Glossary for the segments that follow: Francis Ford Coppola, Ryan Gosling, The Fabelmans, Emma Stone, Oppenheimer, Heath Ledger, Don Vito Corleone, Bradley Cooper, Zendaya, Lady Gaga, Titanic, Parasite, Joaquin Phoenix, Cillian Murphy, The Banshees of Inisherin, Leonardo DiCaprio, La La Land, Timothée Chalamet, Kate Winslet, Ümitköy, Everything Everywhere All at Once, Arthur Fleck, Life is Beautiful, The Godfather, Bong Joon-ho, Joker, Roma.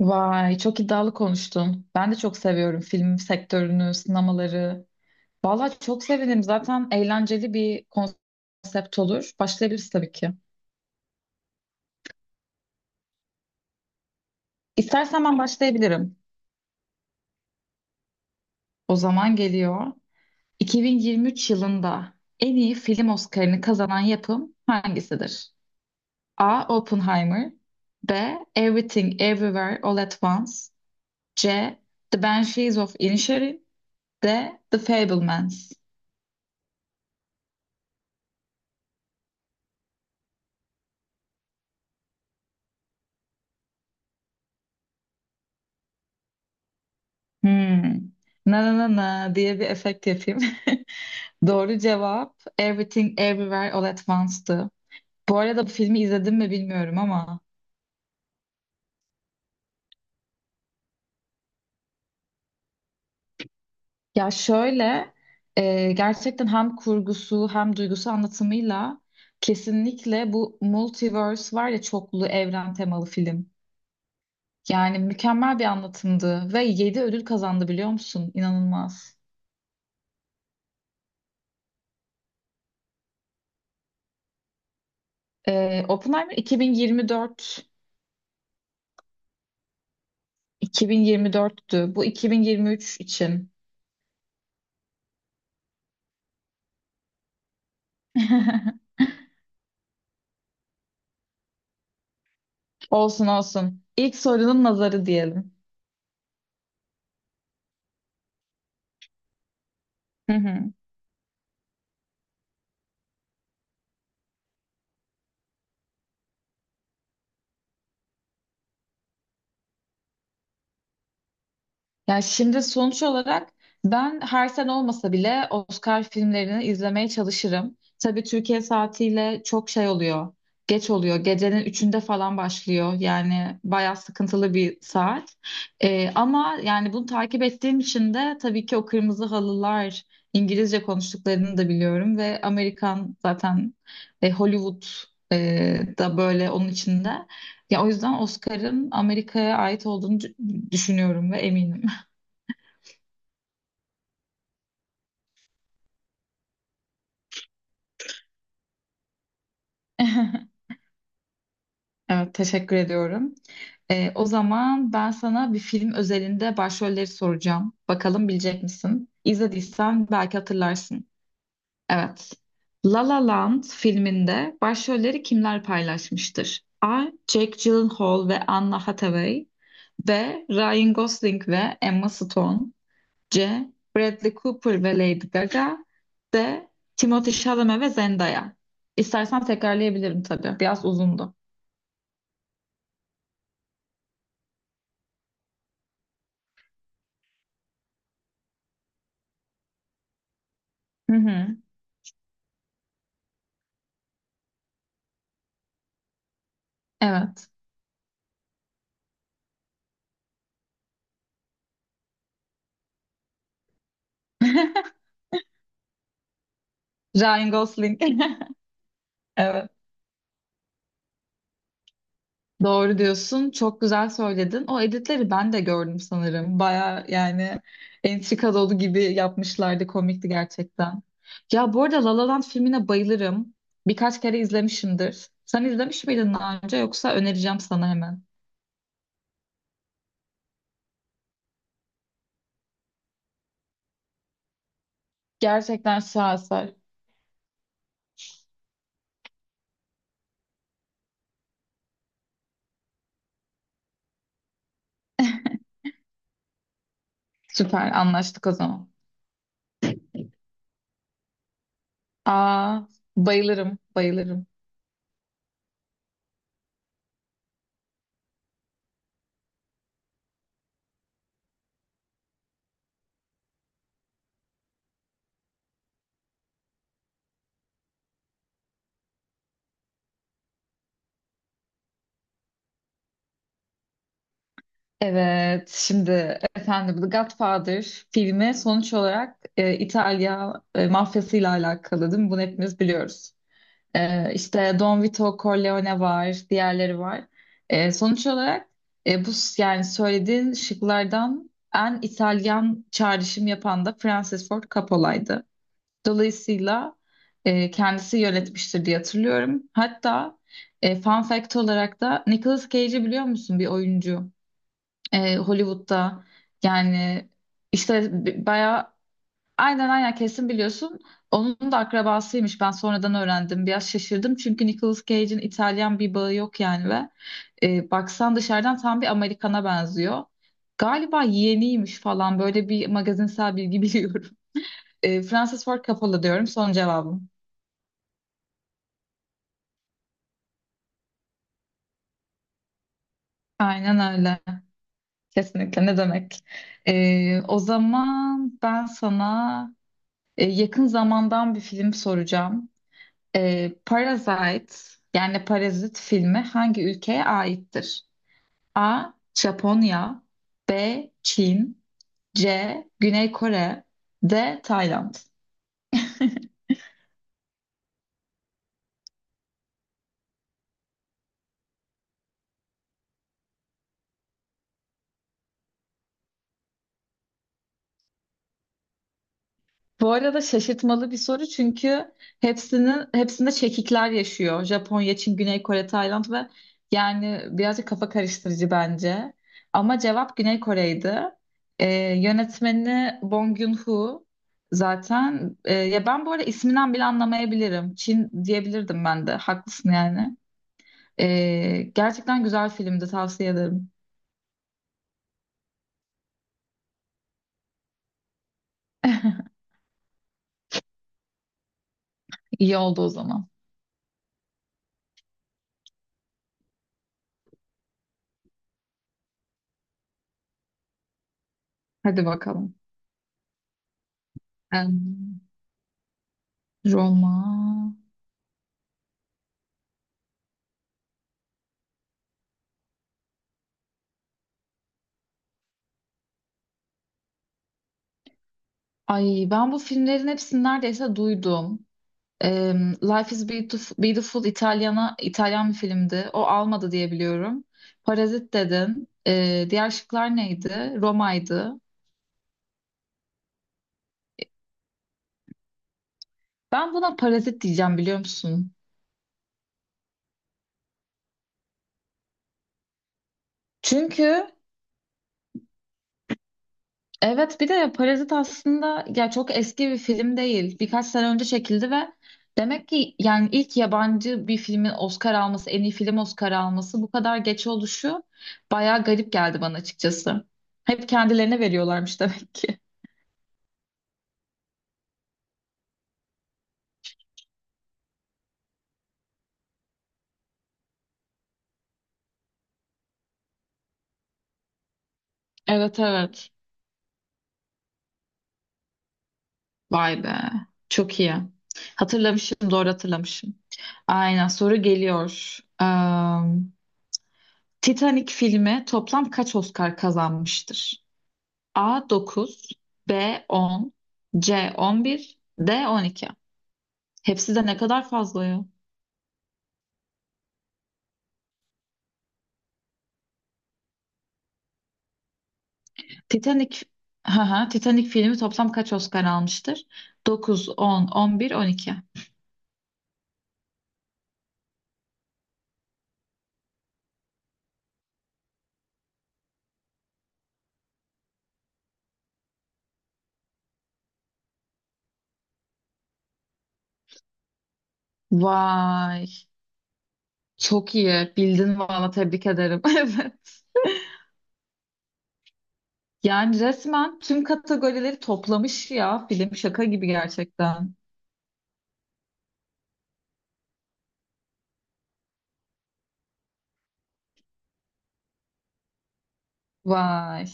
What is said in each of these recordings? Vay, çok iddialı konuştun. Ben de çok seviyorum film sektörünü, sinemaları. Vallahi çok sevinirim. Zaten eğlenceli bir konsept olur. Başlayabiliriz tabii ki. İstersen ben başlayabilirim. O zaman geliyor. 2023 yılında en iyi film Oscar'ını kazanan yapım hangisidir? A. Oppenheimer. B. Everything Everywhere All at Once. C. The Banshees of Inisherin. D. The Fabelmans. Hmm. Na na na na diye bir efekt yapayım. Doğru cevap Everything Everywhere All at Once'tı. Bu arada bu filmi izledim mi bilmiyorum ama ya şöyle, gerçekten hem kurgusu hem duygusu anlatımıyla kesinlikle bu multiverse var ya, çoklu evren temalı film. Yani mükemmel bir anlatımdı ve 7 ödül kazandı biliyor musun? İnanılmaz. Oppenheimer 2024'tü. Bu 2023 için. Olsun olsun. İlk sorunun nazarı diyelim. Hı hı. Ya şimdi sonuç olarak ben her sene olmasa bile Oscar filmlerini izlemeye çalışırım. Tabii Türkiye saatiyle çok şey oluyor. Geç oluyor. Gecenin üçünde falan başlıyor. Yani bayağı sıkıntılı bir saat. Ama yani bunu takip ettiğim için de tabii ki o kırmızı halılar İngilizce konuştuklarını da biliyorum ve Amerikan zaten, Hollywood, da böyle onun içinde. Ya o yüzden Oscar'ın Amerika'ya ait olduğunu düşünüyorum ve eminim. Evet, teşekkür ediyorum. O zaman ben sana bir film özelinde başrolleri soracağım. Bakalım bilecek misin? İzlediysen belki hatırlarsın. Evet. La La Land filminde başrolleri kimler paylaşmıştır? A. Jake Gyllenhaal ve Anna Hathaway. B. Ryan Gosling ve Emma Stone. C. Bradley Cooper ve Lady Gaga. D. Timothée Chalamet ve Zendaya. İstersen tekrarlayabilirim tabii. Biraz uzundu. Hı hı. Evet. Ryan Gosling. Evet. Doğru diyorsun. Çok güzel söyledin. O editleri ben de gördüm sanırım. Baya yani entrika dolu gibi yapmışlardı. Komikti gerçekten. Ya bu arada La La Land filmine bayılırım. Birkaç kere izlemişimdir. Sen izlemiş miydin daha önce, yoksa önereceğim sana hemen. Gerçekten şaheser. Süper, anlaştık o zaman. Aa, bayılırım bayılırım. Evet, şimdi efendim The Godfather filmi sonuç olarak, İtalya, mafyasıyla alakalı değil mi? Bunu hepimiz biliyoruz. İşte Don Vito Corleone var, diğerleri var. Sonuç olarak, bu yani söylediğin şıklardan en İtalyan çağrışım yapan da Francis Ford Coppola'ydı. Dolayısıyla kendisi yönetmiştir diye hatırlıyorum. Hatta fun fact olarak da Nicolas Cage'i biliyor musun, bir oyuncu? Hollywood'da yani işte bayağı, aynen aynen, kesin biliyorsun. Onun da akrabasıymış. Ben sonradan öğrendim. Biraz şaşırdım çünkü Nicolas Cage'in İtalyan bir bağı yok yani, ve baksan dışarıdan tam bir Amerikan'a benziyor. Galiba yeğeniymiş falan, böyle bir magazinsel bilgi biliyorum. Francis Ford Coppola diyorum son cevabım. Aynen öyle. Kesinlikle, ne demek. O zaman ben sana yakın zamandan bir film soracağım. Parasite yani Parazit filmi hangi ülkeye aittir? A. Japonya. B. Çin. C. Güney Kore. D. Tayland. Bu arada şaşırtmalı bir soru çünkü hepsinin hepsinde çekikler yaşıyor. Japonya, Çin, Güney Kore, Tayland ve yani birazcık kafa karıştırıcı bence. Ama cevap Güney Kore'ydi. Ee, yönetmeni Bong Joon-ho zaten. Ya ben bu arada isminden bile anlamayabilirim. Çin diyebilirdim ben de. Haklısın yani. Gerçekten güzel filmdi, tavsiye ederim. İyi oldu o zaman. Hadi bakalım. Em, Roma. Ay, ben bu filmlerin hepsini neredeyse duydum. Life is Beautiful İtalyan bir filmdi. O almadı diye biliyorum. Parazit dedin. Diğer şıklar neydi? Roma'ydı. Ben buna Parazit diyeceğim, biliyor musun? Çünkü evet, bir de Parazit aslında ya çok eski bir film değil. Birkaç sene önce çekildi ve demek ki yani ilk yabancı bir filmin Oscar alması, en iyi film Oscar alması bu kadar geç oluşu bayağı garip geldi bana açıkçası. Hep kendilerine veriyorlarmış demek ki. Evet, evet. Vay be. Çok iyi. Hatırlamışım, doğru hatırlamışım. Aynen, soru geliyor. Titanic filmi toplam kaç Oscar kazanmıştır? A. dokuz, B. on, C. on bir, D12. Hepsi de ne kadar fazla ya. Titanic, ha, Titanic filmi toplam kaç Oscar almıştır? Dokuz, on, on bir, on iki. Vay, çok iyi. Bildin valla, tebrik ederim. Evet. Yani resmen tüm kategorileri toplamış ya, film şaka gibi gerçekten. Vay.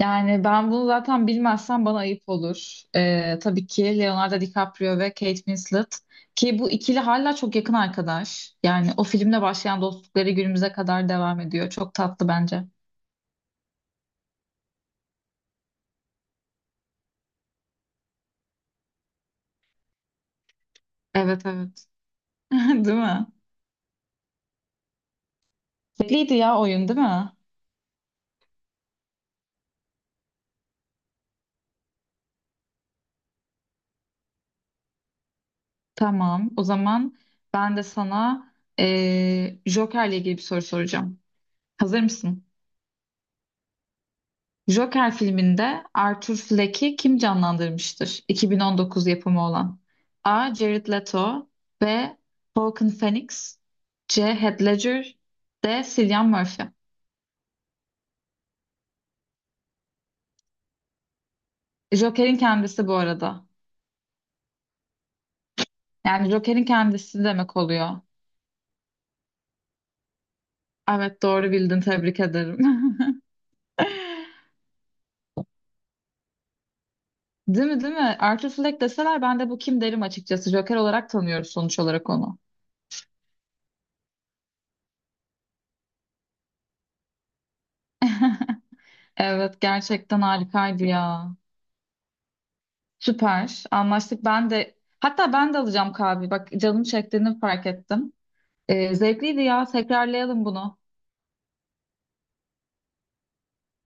Yani ben bunu zaten bilmezsem bana ayıp olur. Tabii ki Leonardo DiCaprio ve Kate Winslet, ki bu ikili hala çok yakın arkadaş. Yani o filmle başlayan dostlukları günümüze kadar devam ediyor. Çok tatlı bence. Evet, evet. Değil mi? Belliydi ya oyun, değil mi? Tamam. O zaman ben de sana Joker'le ilgili bir soru soracağım. Hazır mısın? Joker filminde Arthur Fleck'i kim canlandırmıştır? 2019 yapımı olan. A. Jared Leto. B. Joaquin Phoenix. C. Heath Ledger. D. Cillian Murphy. Joker'in kendisi bu arada. Yani Joker'in kendisi demek oluyor. Evet, doğru bildin, tebrik ederim. Değil mi, değil mi? Arthur Fleck deseler ben de bu kim derim açıkçası. Joker olarak tanıyoruz sonuç olarak onu. Evet, gerçekten harikaydı ya. Süper. Anlaştık. Ben de, hatta ben de alacağım kahve. Bak, canım çektiğini fark ettim. Zevkliydi ya. Tekrarlayalım bunu.